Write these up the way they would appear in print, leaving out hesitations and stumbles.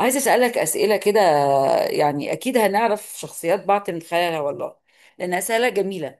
عايزة أسألك أسئلة كده. يعني أكيد هنعرف شخصيات بعض من خلالها والله، لأن أسئلة جميلة.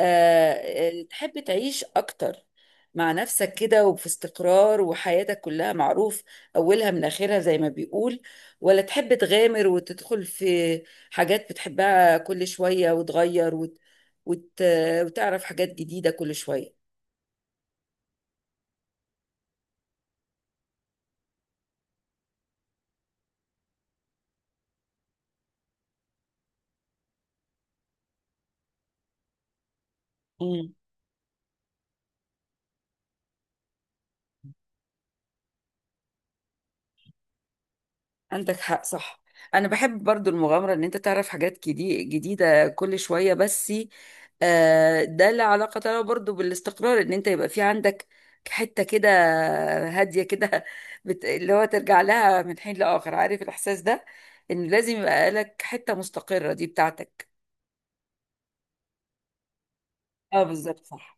أه آه، تحب تعيش أكتر مع نفسك كده وفي استقرار، وحياتك كلها معروف أولها من آخرها زي ما بيقول، ولا تحب تغامر وتدخل في حاجات بتحبها كل شوية وتغير وت... وتعرف حاجات جديدة كل شوية؟ عندك حق، صح. انا بحب برضو المغامره ان انت تعرف حاجات جديده كل شويه، بس ده له علاقه له برضو بالاستقرار، ان انت يبقى في عندك حته كده، هاديه كده اللي هو ترجع لها من حين لاخر، عارف الاحساس ده؟ ان لازم يبقى لك حته مستقره دي بتاعتك. اه بالظبط، صح.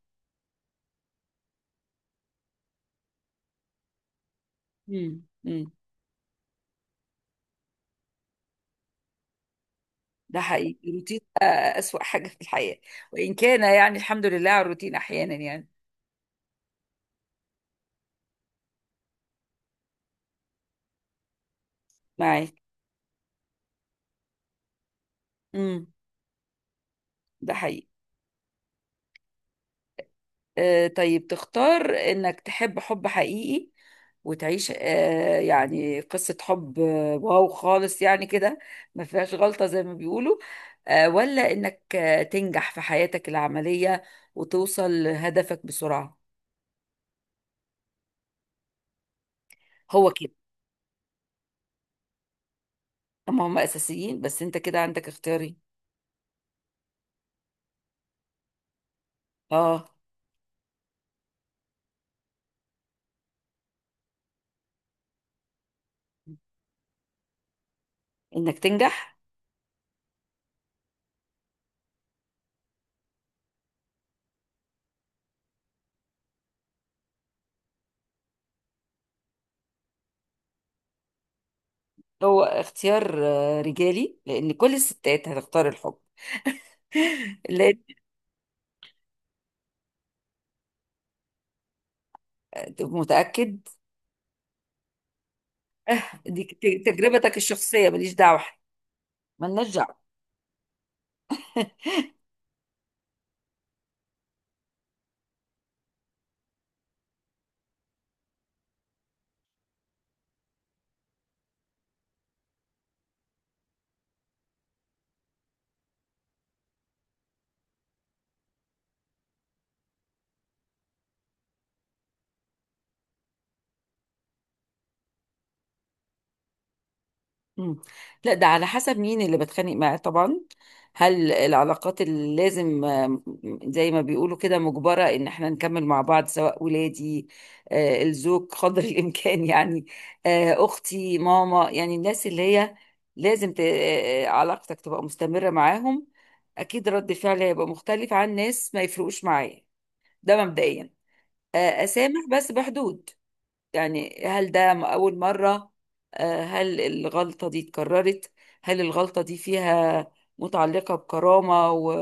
امم امم ده حقيقي، الروتين اسوأ حاجه في الحياه، وان كان يعني الحمد لله على الروتين احيانا يعني. معاك. امم ده حقيقي. طيب، تختار انك تحب حب حقيقي وتعيش يعني قصة حب واو خالص يعني كده، ما فيهاش غلطة زي ما بيقولوا، ولا انك تنجح في حياتك العملية وتوصل لهدفك بسرعة؟ هو كده. اما هم اساسيين، بس انت كده عندك اختياري. اه، انك تنجح. هو اختيار رجالي، لان كل الستات هتختار الحب. لان متأكد؟ دي تجربتك الشخصية، ماليش دعوة، ملناش دعوة. مم. لا، ده على حسب مين اللي بتخانق معاه طبعا. هل العلاقات اللي لازم، زي ما بيقولوا كده، مجبرة ان احنا نكمل مع بعض، سواء ولادي، الزوج قدر الامكان يعني، اختي، ماما، يعني الناس اللي هي لازم علاقتك تبقى مستمرة معاهم، اكيد رد فعلي هيبقى مختلف عن ناس ما يفرقوش معايا. ده مبدئيا. اسامح بس بحدود. يعني هل ده أول مرة؟ هل الغلطة دي اتكررت؟ هل الغلطة دي فيها، متعلقة بكرامة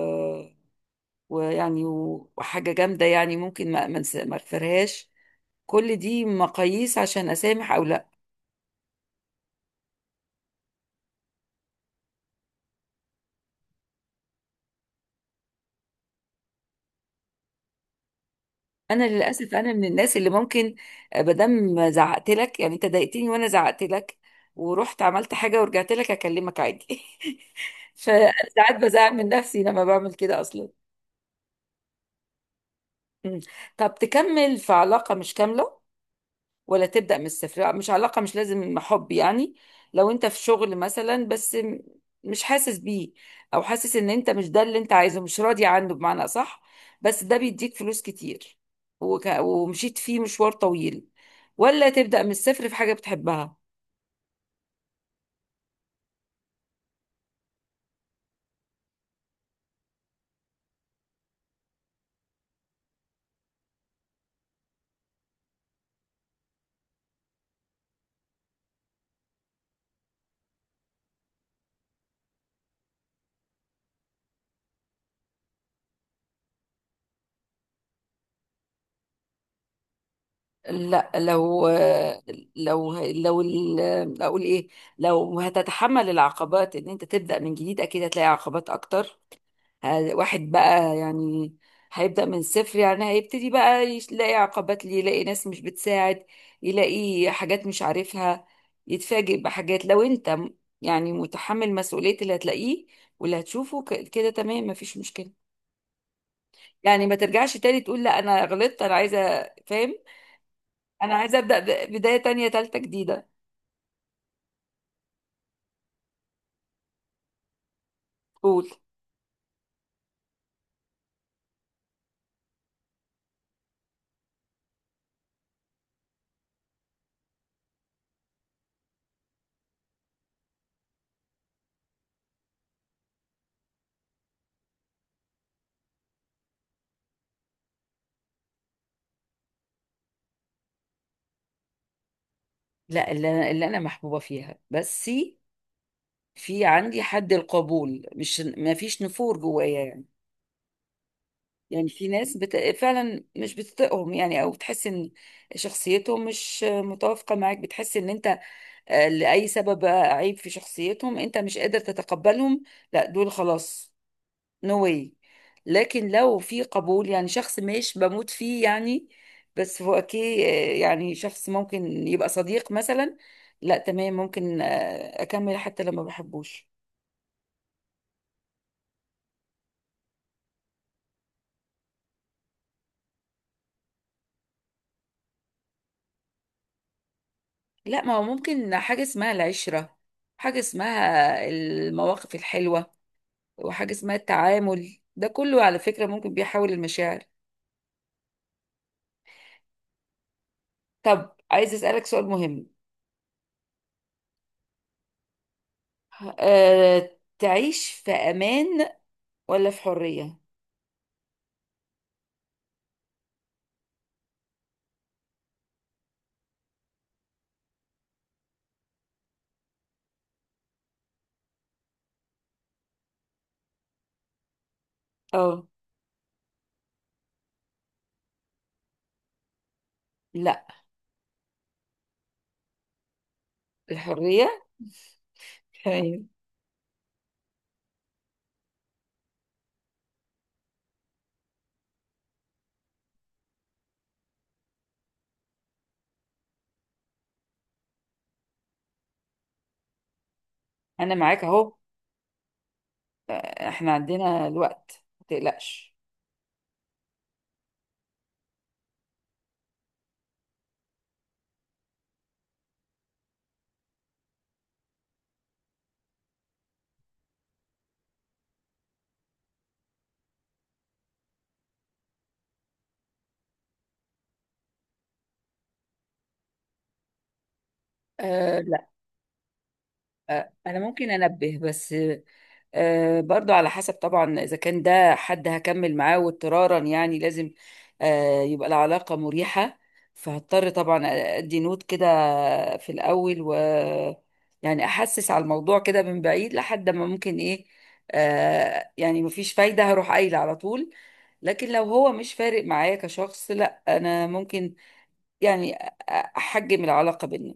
ويعني وحاجة جامدة يعني، ممكن ما اغفرهاش؟ كل دي مقاييس عشان أسامح أو لا. أنا للأسف أنا من الناس اللي ممكن بدم زعقت لك، يعني أنت ضايقتني وأنا زعقت لك ورحت عملت حاجة ورجعت لك أكلمك عادي. فأنا ساعات بزعل من نفسي لما بعمل كده أصلا. مم. طب تكمل في علاقة مش كاملة ولا تبدأ من الصفر؟ لا، مش علاقة، مش لازم حب يعني. لو انت في شغل مثلا بس مش حاسس بيه، او حاسس ان انت مش ده اللي انت عايزه، مش راضي عنه بمعنى اصح، بس ده بيديك فلوس كتير ومشيت فيه مشوار طويل، ولا تبدأ من الصفر في حاجة بتحبها؟ لا، لو اقول ايه، لو هتتحمل العقبات ان انت تبدأ من جديد، اكيد هتلاقي عقبات اكتر. واحد بقى يعني هيبدأ من الصفر، يعني هيبتدي بقى يلاقي عقبات، ليه، يلاقي ناس مش بتساعد، يلاقي حاجات مش عارفها، يتفاجئ بحاجات. لو انت يعني متحمل مسؤولية اللي هتلاقيه واللي هتشوفه كده، تمام، مفيش مشكلة. يعني ما ترجعش تاني تقول لا انا غلطت، انا عايزة، فاهم، انا عايزة أبدأ بداية تانية تالتة جديدة. قول. لا، اللي انا محبوبه فيها بس في عندي حد القبول، مش ما فيش نفور جوايا يعني. يعني في ناس فعلا مش بتطيقهم يعني، او بتحس ان شخصيتهم مش متوافقه معاك، بتحس ان انت لاي سبب بقى، عيب في شخصيتهم، انت مش قادر تتقبلهم. لا دول خلاص، نو واي. لكن لو في قبول، يعني شخص مش بموت فيه يعني، بس هو اوكي، يعني شخص ممكن يبقى صديق مثلا، لا تمام، ممكن اكمل حتى لما بحبوش. لا، ما هو ممكن حاجه اسمها العشره، حاجه اسمها المواقف الحلوه، وحاجة اسمها التعامل، ده كله على فكرة ممكن بيحول المشاعر. طب عايز أسألك سؤال مهم. تعيش في أمان ولا في حرية؟ اه لا، الحرية. تمام. أنا معاك أهو، احنا عندنا الوقت، ما تقلقش. أه لا، أنا ممكن أنبه بس، برضو على حسب طبعا، إذا كان ده حد هكمل معاه واضطرارا يعني لازم يبقى العلاقة مريحة، فهضطر طبعا أدي نوت كده في الأول، و يعني أحسس على الموضوع كده من بعيد لحد ما ممكن إيه، يعني مفيش فايدة، هروح قايلة على طول. لكن لو هو مش فارق معايا كشخص، لا أنا ممكن يعني أحجم العلاقة بينا.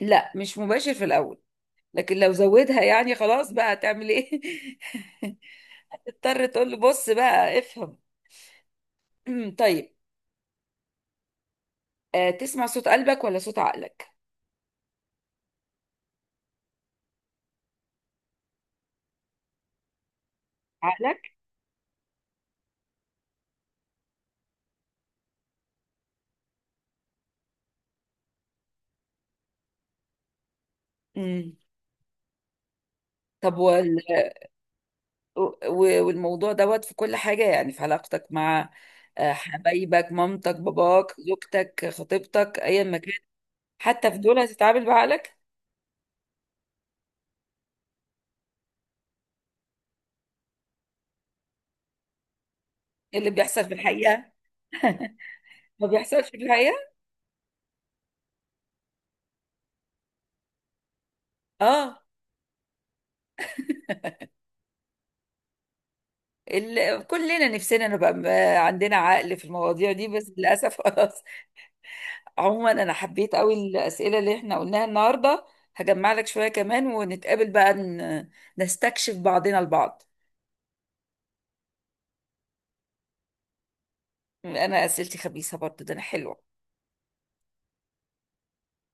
لا مش مباشر في الأول، لكن لو زودها يعني خلاص بقى، هتعمل إيه؟ تضطر تقول له بص بقى افهم. طيب، تسمع صوت قلبك ولا صوت عقلك؟ عقلك. امم طب وال... و- والموضوع دوت في كل حاجة، يعني في علاقتك مع حبايبك، مامتك، باباك، زوجتك، خطيبتك، ايا ما كان، حتى في دول هتتعامل بعقلك؟ اللي بيحصل في الحقيقة ما بيحصلش في الحقيقة. اه، كلنا نفسنا نبقى عندنا عقل في المواضيع دي، بس للأسف. عموما انا حبيت قوي الاسئله اللي احنا قلناها النهارده، هجمع لك شويه كمان ونتقابل بقى، نستكشف بعضنا البعض. انا اسئلتي خبيثه برضو، ده انا حلوه.